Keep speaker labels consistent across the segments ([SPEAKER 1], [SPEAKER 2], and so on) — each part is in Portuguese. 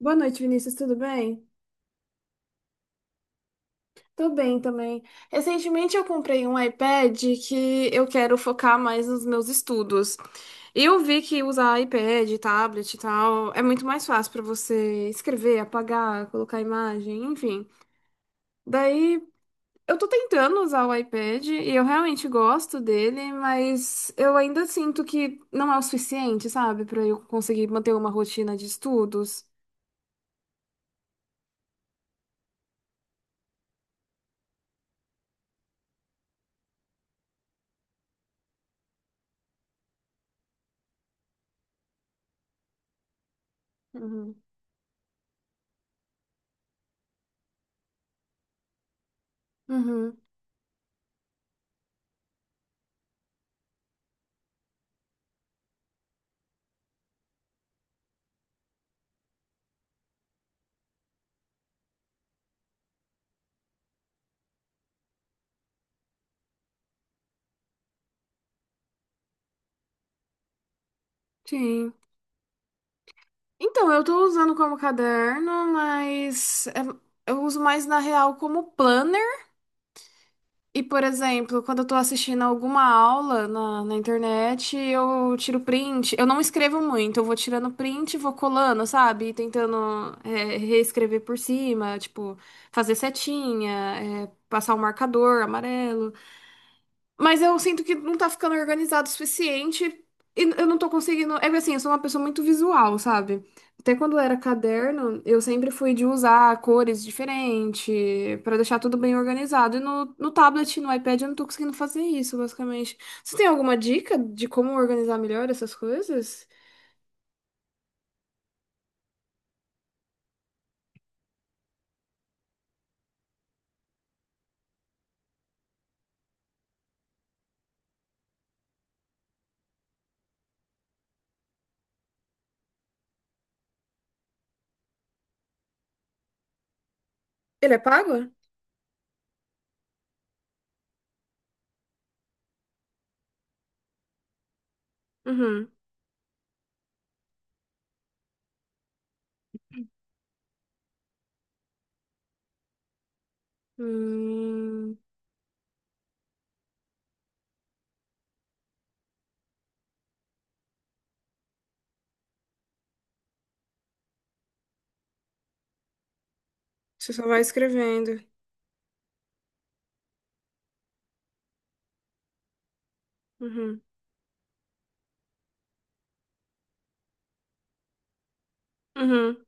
[SPEAKER 1] Boa noite, Vinícius, tudo bem? Tô bem também. Recentemente eu comprei um iPad que eu quero focar mais nos meus estudos. E eu vi que usar iPad, tablet e tal é muito mais fácil pra você escrever, apagar, colocar imagem, enfim. Daí eu tô tentando usar o iPad e eu realmente gosto dele, mas eu ainda sinto que não é o suficiente, sabe, pra eu conseguir manter uma rotina de estudos. Uhum. Uhum, sim. Então, eu tô usando como caderno, eu uso mais na real como planner. E, por exemplo, quando eu tô assistindo alguma aula na internet, eu tiro print. Eu não escrevo muito, eu vou tirando print, e vou colando, sabe? E tentando reescrever por cima, tipo, fazer setinha, passar o marcador amarelo. Mas eu sinto que não tá ficando organizado o suficiente e eu não tô conseguindo. É que assim, eu sou uma pessoa muito visual, sabe? Até quando era caderno, eu sempre fui de usar cores diferentes pra deixar tudo bem organizado. E no tablet, no iPad, eu não tô conseguindo fazer isso, basicamente. Você tem alguma dica de como organizar melhor essas coisas? Ele é pago? Uhum. Hum, você só vai escrevendo. Uhum. Uhum.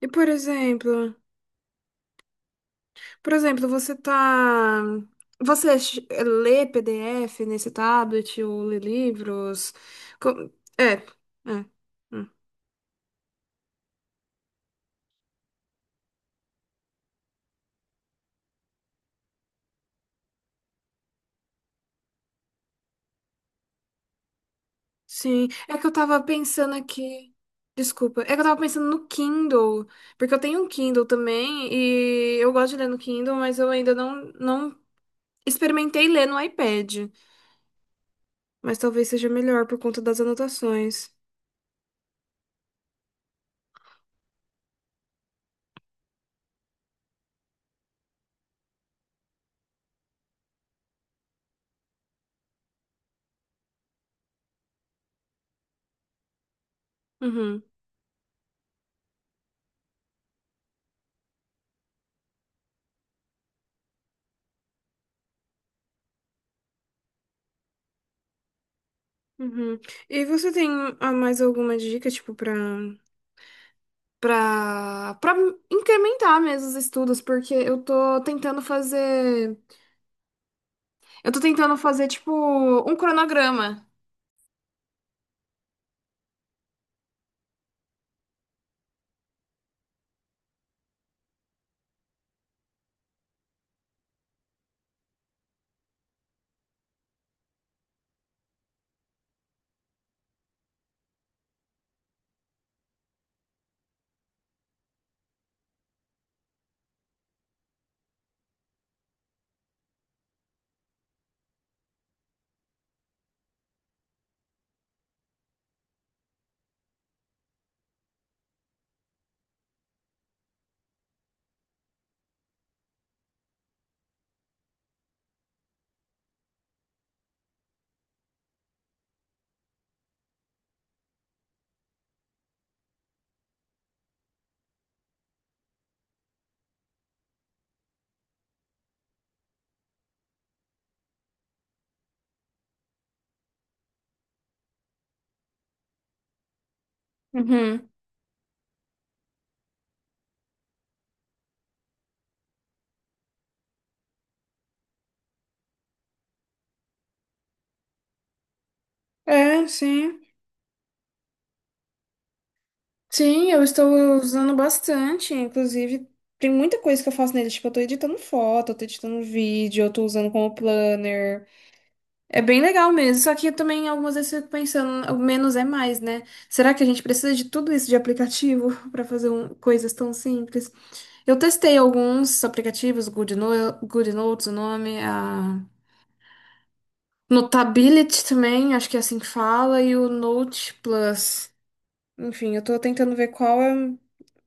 [SPEAKER 1] E por exemplo. Por exemplo, você tá. Lê PDF nesse tablet ou lê livros? Co- É, é. Hum. Sim. É que eu tava pensando aqui. Desculpa. É que eu tava pensando no Kindle. Porque eu tenho um Kindle também e eu gosto de ler no Kindle, mas eu ainda não experimentei ler no iPad. Mas talvez seja melhor por conta das anotações. Uhum. Uhum. E você tem mais alguma dica, tipo, pra. Para incrementar mesmo os estudos, porque eu tô tentando fazer, eu tô tentando fazer tipo um cronograma. Uhum. É, sim. Sim, eu estou usando bastante. Inclusive, tem muita coisa que eu faço nele. Tipo, eu tô editando foto, eu tô editando vídeo, eu tô usando como planner. É bem legal mesmo. Só que eu também algumas vezes fico pensando, o menos é mais, né? Será que a gente precisa de tudo isso de aplicativo para fazer coisas tão simples? Eu testei alguns aplicativos, Good No- Good Notes, o nome, a Notability também, acho que é assim que fala, e o Note Plus. Enfim, eu tô tentando ver qual é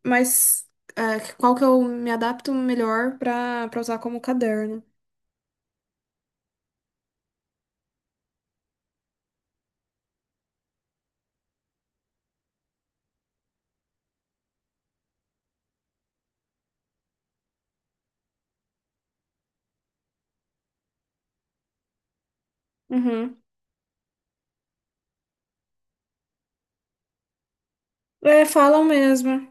[SPEAKER 1] mais, qual que eu me adapto melhor pra usar como caderno. Uhum. É, falam mesmo.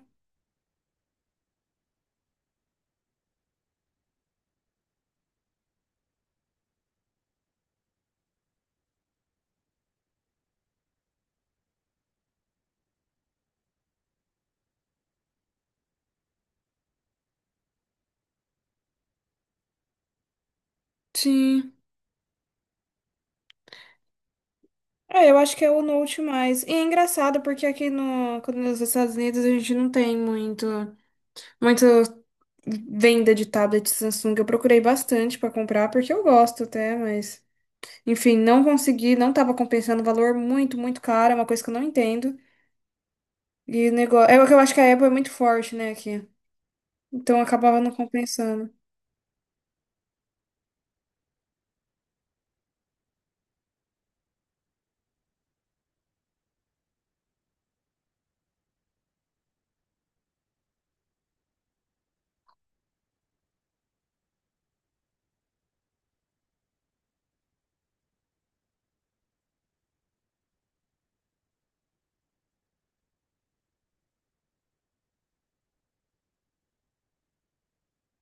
[SPEAKER 1] Sim. É, eu acho que é o Note mais. E é engraçado porque aqui no, quando nos Estados Unidos a gente não tem muito, muito venda de tablet Samsung. Eu procurei bastante para comprar, porque eu gosto até, mas enfim, não consegui, não tava compensando o valor muito, muito caro, é uma coisa que eu não entendo. E negócio, é que eu acho que a Apple é muito forte, né, aqui. Então acabava não compensando.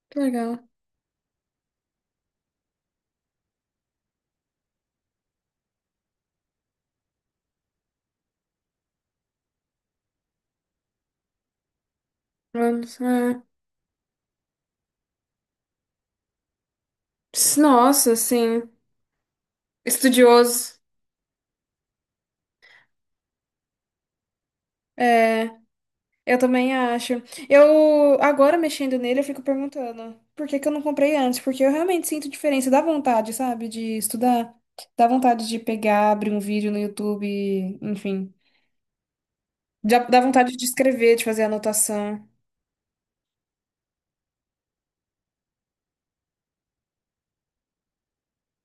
[SPEAKER 1] Que legal. Anos, é. Nossa, assim, estudioso. É. Eu também acho. Eu, agora mexendo nele, eu fico perguntando por que que eu não comprei antes? Porque eu realmente sinto diferença. Dá vontade, sabe, de estudar. Dá vontade de pegar, abrir um vídeo no YouTube, enfim. Dá vontade de escrever, de fazer anotação.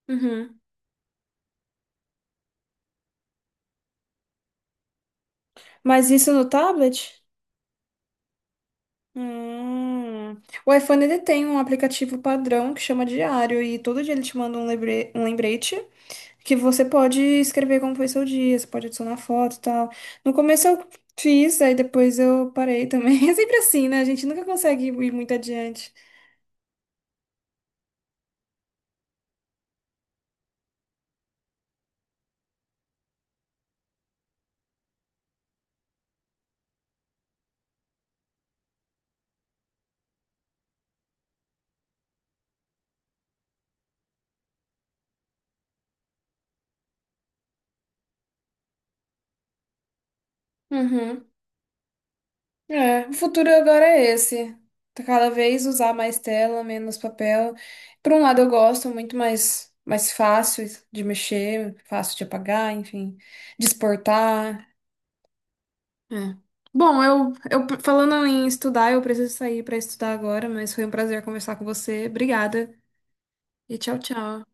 [SPEAKER 1] Uhum. Mas isso no tablet? Hum. O iPhone ele tem um aplicativo padrão que chama Diário e todo dia ele te manda um um lembrete que você pode escrever como foi seu dia, você pode adicionar foto e tal. No começo eu fiz, aí depois eu parei também. É sempre assim, né? A gente nunca consegue ir muito adiante. Uhum. É, o futuro agora é esse. Tá. Cada vez usar mais tela, menos papel. Por um lado eu gosto, muito mais, mais fácil de mexer, fácil de apagar, enfim, de exportar. É. Bom, eu falando em estudar, eu preciso sair para estudar agora, mas foi um prazer conversar com você. Obrigada. E tchau, tchau.